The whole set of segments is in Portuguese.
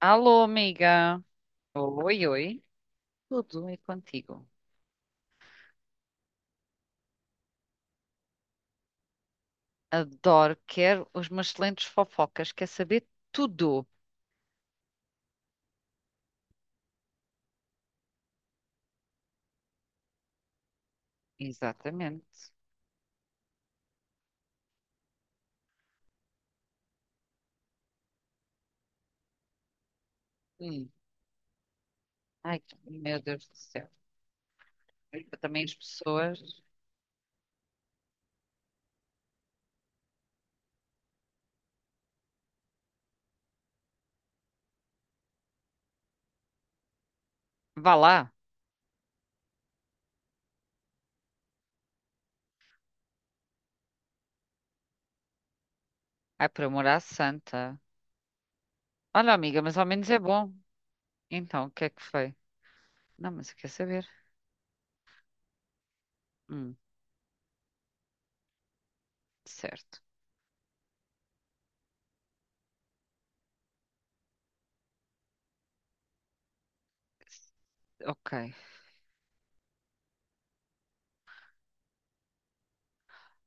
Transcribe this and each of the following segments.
Alô, amiga. Oi, oi. Tudo e contigo. Adoro, quero os meus excelentes fofocas, quer saber tudo. Exatamente. Hum. Ai, meu Deus do céu. Eu também as pessoas. Vá lá. Ai, por amor à santa. Olha, amiga, mas ao menos é bom. Então, o que é que foi? Não, mas eu quero saber. Hum, certo. Ok.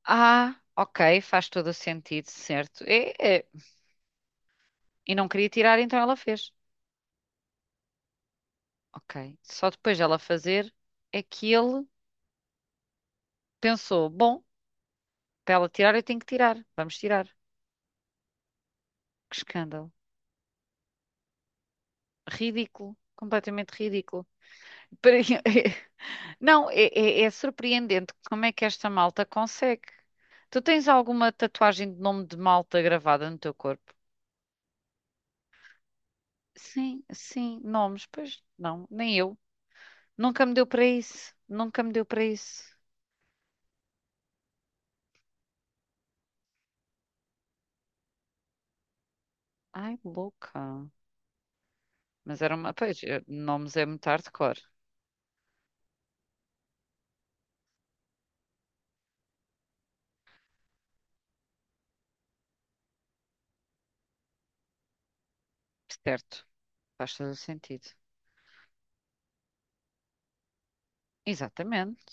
Ah, ok, faz todo o sentido, certo. É, é. E não queria tirar, então ela fez. Ok. Só depois dela fazer é que ele pensou: bom, para ela tirar, eu tenho que tirar. Vamos tirar. Que escândalo. Ridículo. Completamente ridículo. Para- Não, é, é- é surpreendente como é que esta malta consegue. Tu tens alguma tatuagem de nome de malta gravada no teu corpo? Sim, sim, nomes. Pois não, nem eu. Nunca me deu para isso. Nunca me deu para isso. Ai, louca. Mas era uma. Pois, nomes é muito hardcore. Certo. Faz todo o sentido. Exatamente.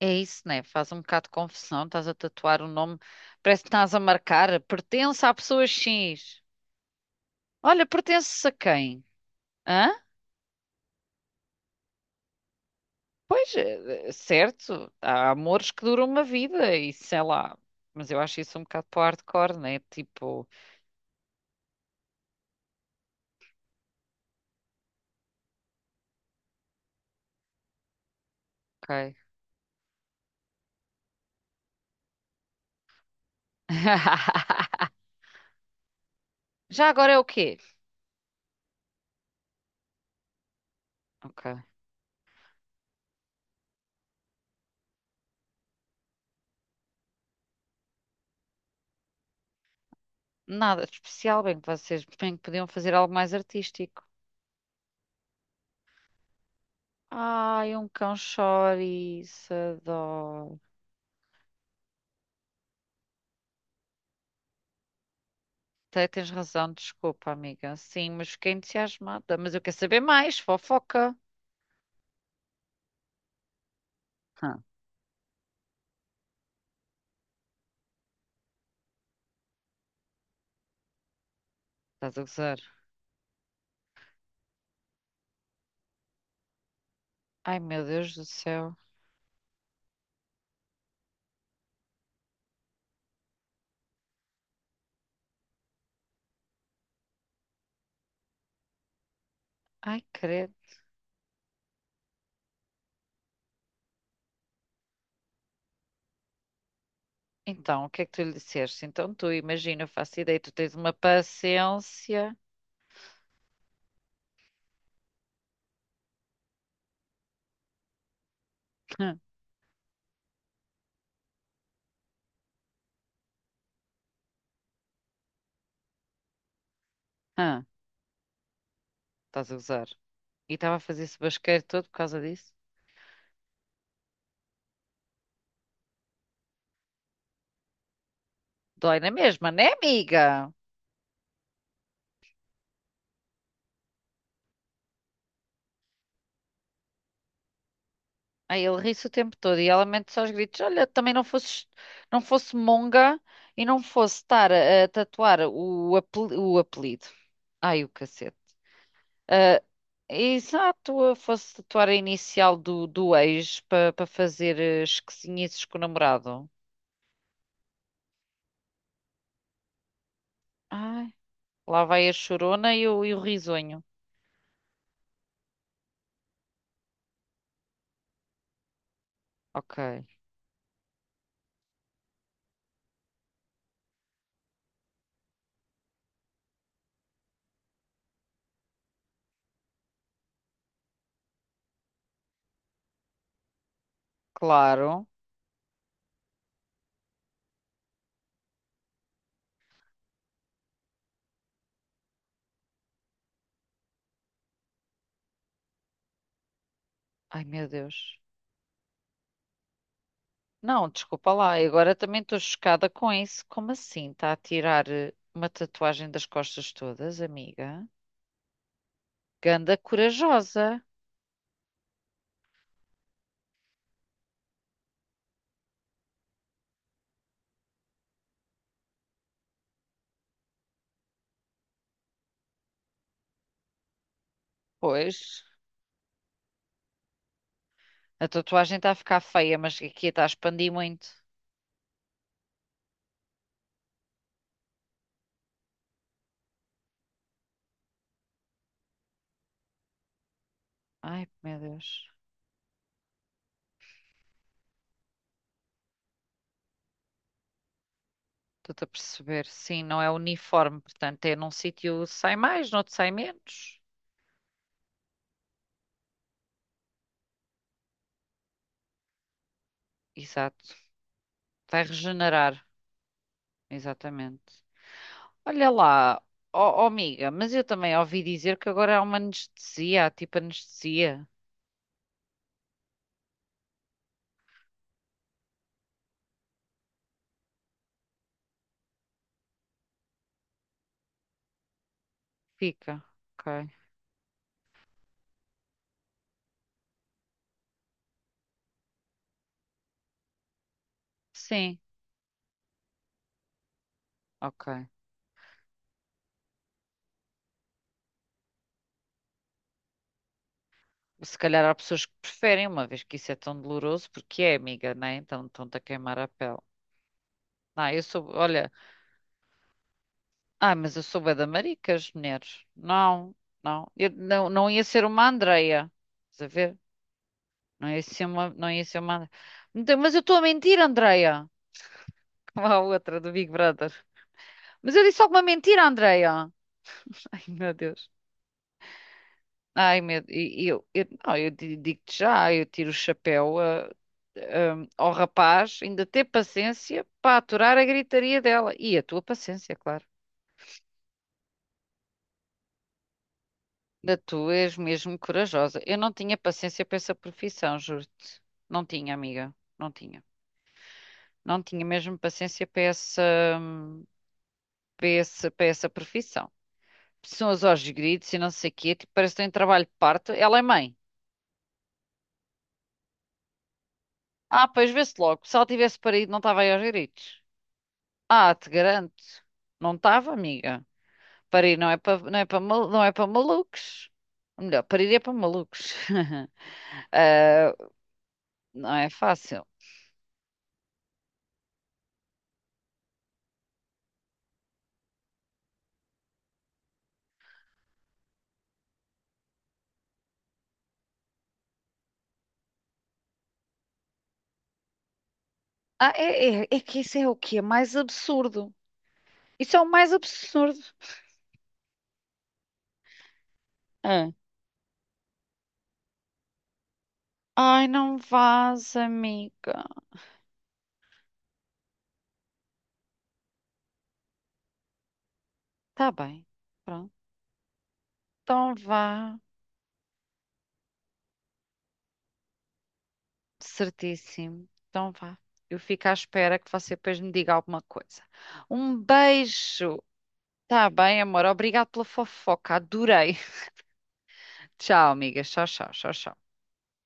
É isso, né? Faz um bocado de confusão. Estás a tatuar o nome. Parece que estás a marcar. Pertence à pessoa X. Olha, pertence a quem? Hã? Pois, certo. Há amores que duram uma vida e sei lá. Mas eu acho isso um bocado para o hardcore, né? Tipo, ok. Já agora é o quê? Ok. Nada de especial. Bem que vocês bem que podiam fazer algo mais artístico. Ai, um cão chouriço. Adoro. Tens razão, desculpa, amiga. Sim, mas fiquei entusiasmada. Mas eu quero saber mais, fofoca. Hã, estás a gozar? Ai, meu Deus do céu. Ai, credo. Então, o que é que tu lhe disseste? Então, tu imagina, eu faço ideia, tu tens uma paciência. Hã, hã, estás a gozar. E estava a fazer esse basqueiro todo por causa disso. Dói na mesma, né, amiga? Aí ele ri-se o tempo todo e ela mente só os gritos: Olha, também não fosse, não fosse monga e não fosse estar a tatuar o apelido. Ai, o cacete. Ah, exato, eu fosse tatuar a inicial do ex para fazer esquisinices com o namorado. Ai, lá vai a chorona e o risonho. Ok, claro. Ai, meu Deus. Não, desculpa lá, eu agora também estou chocada com isso. Como assim? Está a tirar uma tatuagem das costas todas, amiga? Ganda corajosa. Pois, a tatuagem está a ficar feia, mas aqui está a expandir muito. Ai, meu Deus. Estou-te a perceber. Sim, não é uniforme, portanto, é num sítio sai mais, noutro sai menos. Exato. Vai regenerar, exatamente. Olha lá, ó ó, amiga, mas eu também ouvi dizer que agora há uma anestesia, há tipo anestesia. Fica, ok. Sim, ok. Se calhar há pessoas que preferem, uma vez que isso é tão doloroso, porque é, amiga, né? Então estão-te a queimar a pele. Não, eu sou, olha, ah, mas eu sou bué da maricas, mulheres. Não, não. Eu não, não ia ser uma Andreia. Estás a ver? Não ia ser uma, não ia ser uma Andreia. Então, mas eu estou a mentir, Andreia. Como a outra do Big Brother. Mas eu disse alguma mentira, Andreia? Ai, meu Deus. Ai, meu e Eu, não, digo-te já, eu tiro o chapéu ao rapaz, ainda ter paciência para aturar a gritaria dela. E a tua paciência, claro. Da tu és mesmo corajosa. Eu não tinha paciência para essa profissão, juro-te. Não tinha, amiga. Não tinha. Não tinha mesmo paciência para essa, hum, para para essa profissão. Pessoas aos gritos e não sei o quê. Tipo, parece que tem um trabalho de parto. Ela é mãe. Ah, pois vê-se logo. Se ela tivesse parido, não estava aí aos gritos. Ah, te garanto. Não estava, amiga. Parir não é não é não é para malucos. Ou melhor, parir é para malucos. Ah, não é fácil. Ah, é que isso é o que é mais absurdo. Isso é o mais absurdo. Ah. Ai, não vás, amiga. Tá bem. Pronto. Então vá. Certíssimo. Então vá. Eu fico à espera que você depois me diga alguma coisa. Um beijo. Tá bem, amor. Obrigado pela fofoca. Adorei. Tchau, amigas. Tchau, tchau, tchau, tchau.